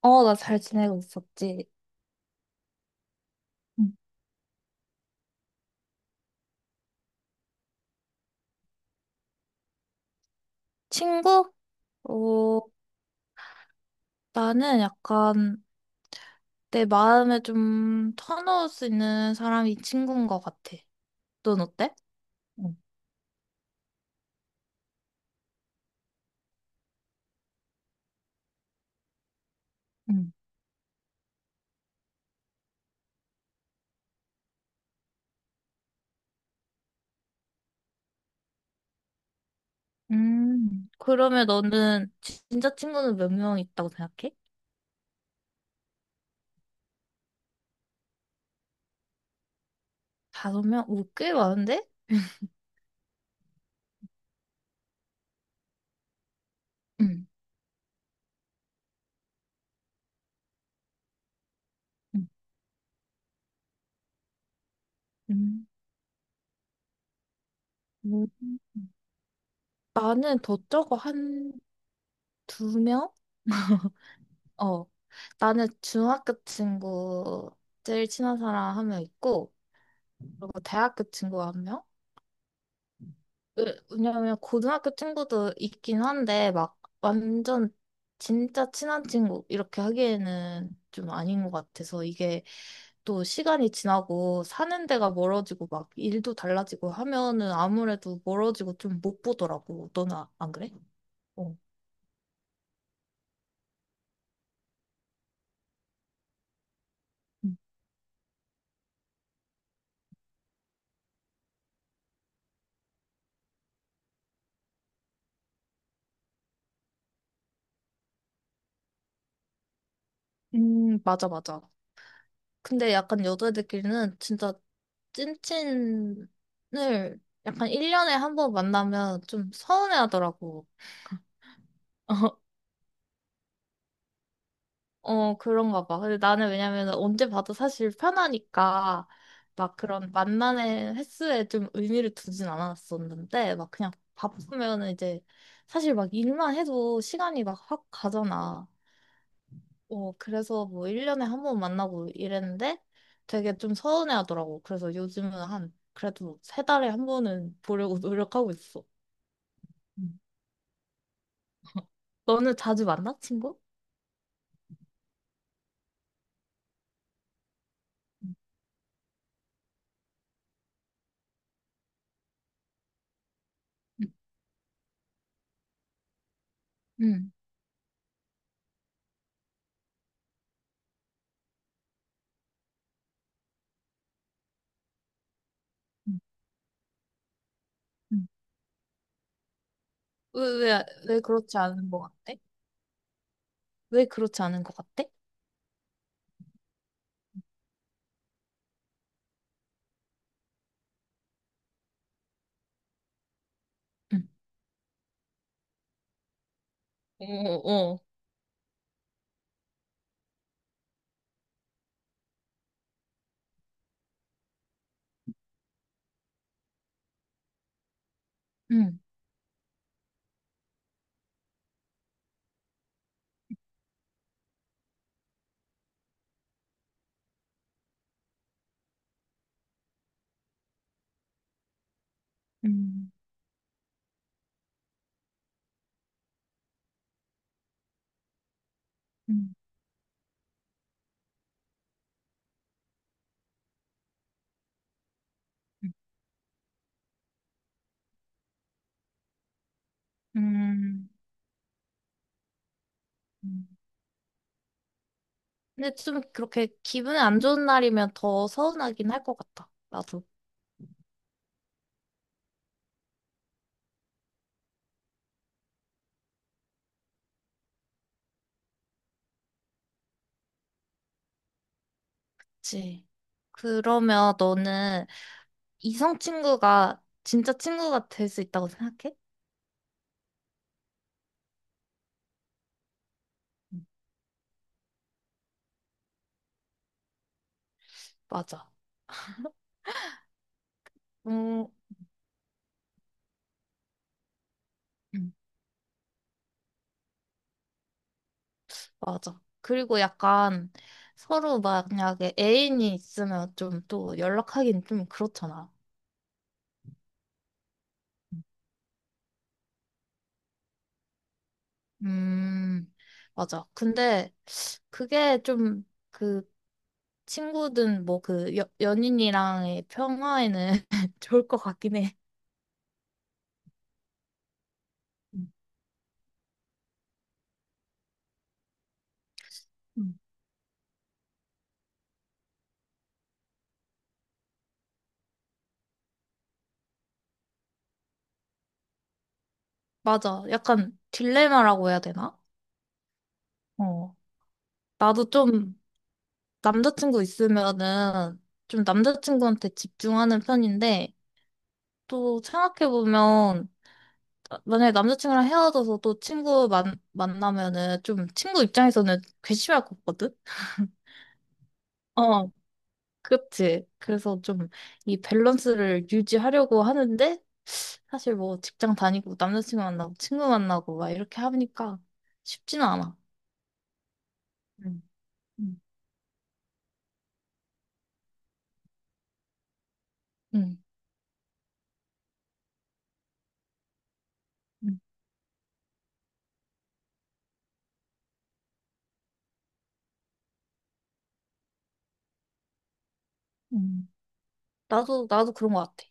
어, 나 잘 지내고 있었지. 응. 친구? 어, 나는 약간 내 마음에 좀 터놓을 수 있는 사람이 친구인 것 같아. 넌 어때? 응. 응. 그러면 너는 진짜 친구는 몇 명 있다고 생각해? 다섯 명? 오, 꽤 많은데? 응. 응. 음. 음. 나는 더 적어, 한 두 명? 어. 나는 중학교 친구 제일 친한 사람 한 명 있고, 그리고 대학교 친구가 한 명? 왜냐면 고등학교 친구도 있긴 한데 막 완전 진짜 친한 친구 이렇게 하기에는 좀 아닌 것 같아서 이게 또 시간이 지나고 사는 데가 멀어지고 막 일도 달라지고 하면은 아무래도 멀어지고 좀 못 보더라고. 너는 안 그래? 어. 음, 맞아, 맞아. 근데 약간 여자애들끼리는 진짜 찐친을 약간 1년에 한 번 만나면 좀 서운해하더라고. 어, 그런가 봐. 근데 나는 왜냐면 언제 봐도 사실 편하니까 막 그런 만남의 횟수에 좀 의미를 두진 않았었는데 막 그냥 바쁘면은 이제 사실 막 일만 해도 시간이 막 확 가잖아. 어, 그래서 뭐 1년에 한 번 만나고 이랬는데 되게 좀 서운해 하더라고. 그래서 요즘은 한 그래도 세 달에 한 번은 보려고 노력하고 있어. 음, 너는 자주 만나, 친구? 응. 응. 응. 왜, 왜 그렇지 않은 것 같아? 왜 그렇지 않은 것 같아? 응. 어, 어. 응. 음, 음, 음, 음, 음. 근데 좀 그렇게 기분이 안 좋은 날이면 더 서운하긴 할 것 같다. 나도. 그치. 그러면 너는 이성 친구가 진짜 친구가 될 수 있다고 생각해? 응. 맞아. 음, 응. 맞아. 그리고 약간 서로 만약에 애인이 있으면 좀 또 연락하긴 좀 그렇잖아. 음, 맞아. 근데 그게 좀 그 친구든 뭐 그 연인이랑의 평화에는 좋을 것 같긴 해. 음, 음. 맞아. 약간 딜레마라고 해야 되나? 어. 나도 좀 남자친구 있으면은 좀 남자친구한테 집중하는 편인데 또 생각해보면 만약에 남자친구랑 헤어져서 또 친구 만나면은 좀 친구 입장에서는 괘씸할 것 같거든? 어. 그치. 그래서 좀 이 밸런스를 유지하려고 하는데, 사실 뭐 직장 다니고 남자친구 만나고 친구 만나고 막 이렇게 하니까 쉽지는 않아. 음, 응, 응, 응. 응. 응. 나도, 나도 그런 것 같아.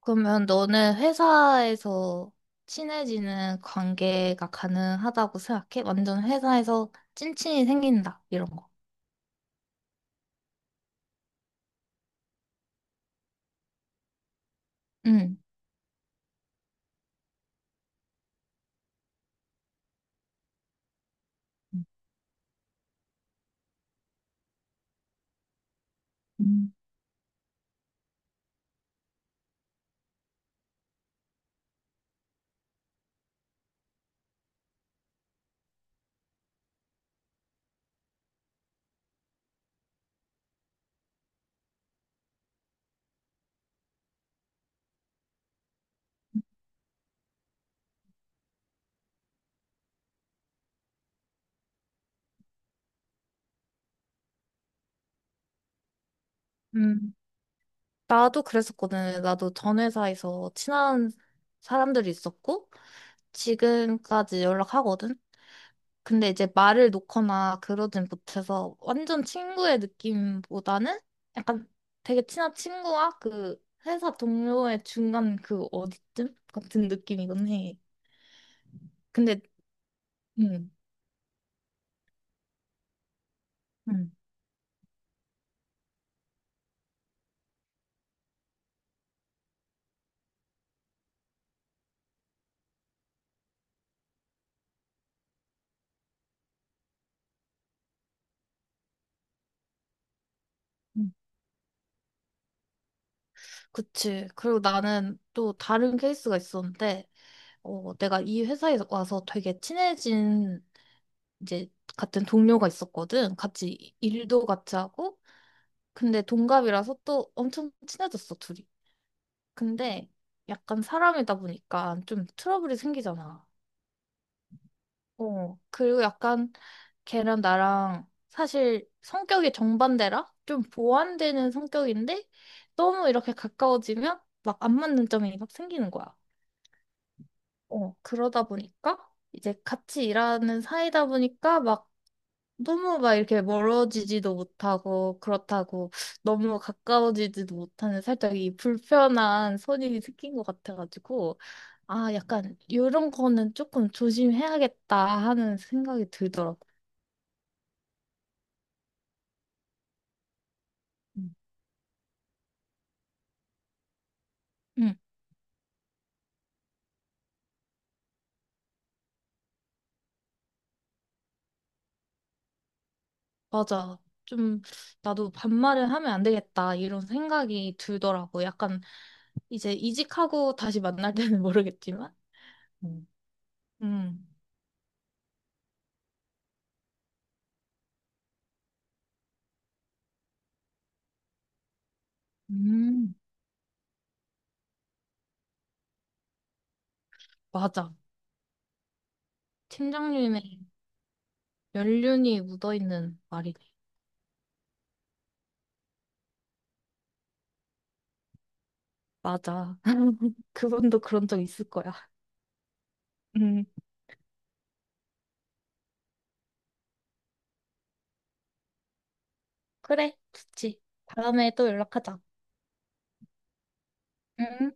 그러면 너는 회사에서 친해지는 관계가 가능하다고 생각해? 완전 회사에서 찐친이 생긴다, 이런 거. 응. 음. 음. 나도 그랬었거든. 나도 전 회사에서 친한 사람들이 있었고, 지금까지 연락하거든. 근데 이제 말을 놓거나 그러진 못해서 완전 친구의 느낌보다는 약간 되게 친한 친구와 그 회사 동료의 중간 그 어디쯤 같은 느낌이긴 해. 근데 음, 음, 음. 그치. 그리고 나는 또 다른 케이스가 있었는데, 어, 내가 이 회사에 와서 되게 친해진 이제 같은 동료가 있었거든. 같이 일도 같이 하고. 근데 동갑이라서 또 엄청 친해졌어, 둘이. 근데 약간 사람이다 보니까 좀 트러블이 생기잖아. 어. 그리고 약간 걔랑 나랑 사실 성격이 정반대라? 좀 보완되는 성격인데 너무 이렇게 가까워지면 막 안 맞는 점이 막 생기는 거야. 어. 그러다 보니까 이제 같이 일하는 사이다 보니까 막 너무 막 이렇게 멀어지지도 못하고, 그렇다고 너무 가까워지지도 못하는 살짝 이 불편한 선이 생긴 것 같아가지고, 아, 약간 이런 거는 조금 조심해야겠다 하는 생각이 들더라고. 음. 응, 맞아. 좀 나도 반말을 하면 안 되겠다 이런 생각이 들더라고. 약간 이제 이직하고 다시 만날 때는 모르겠지만. 음. 음, 음, 맞아. 팀장님의 연륜이 묻어있는 말이네. 맞아. 그분도 그런 적 있을 거야. 음, 그래, 좋지. 다음에 또 연락하자. 음.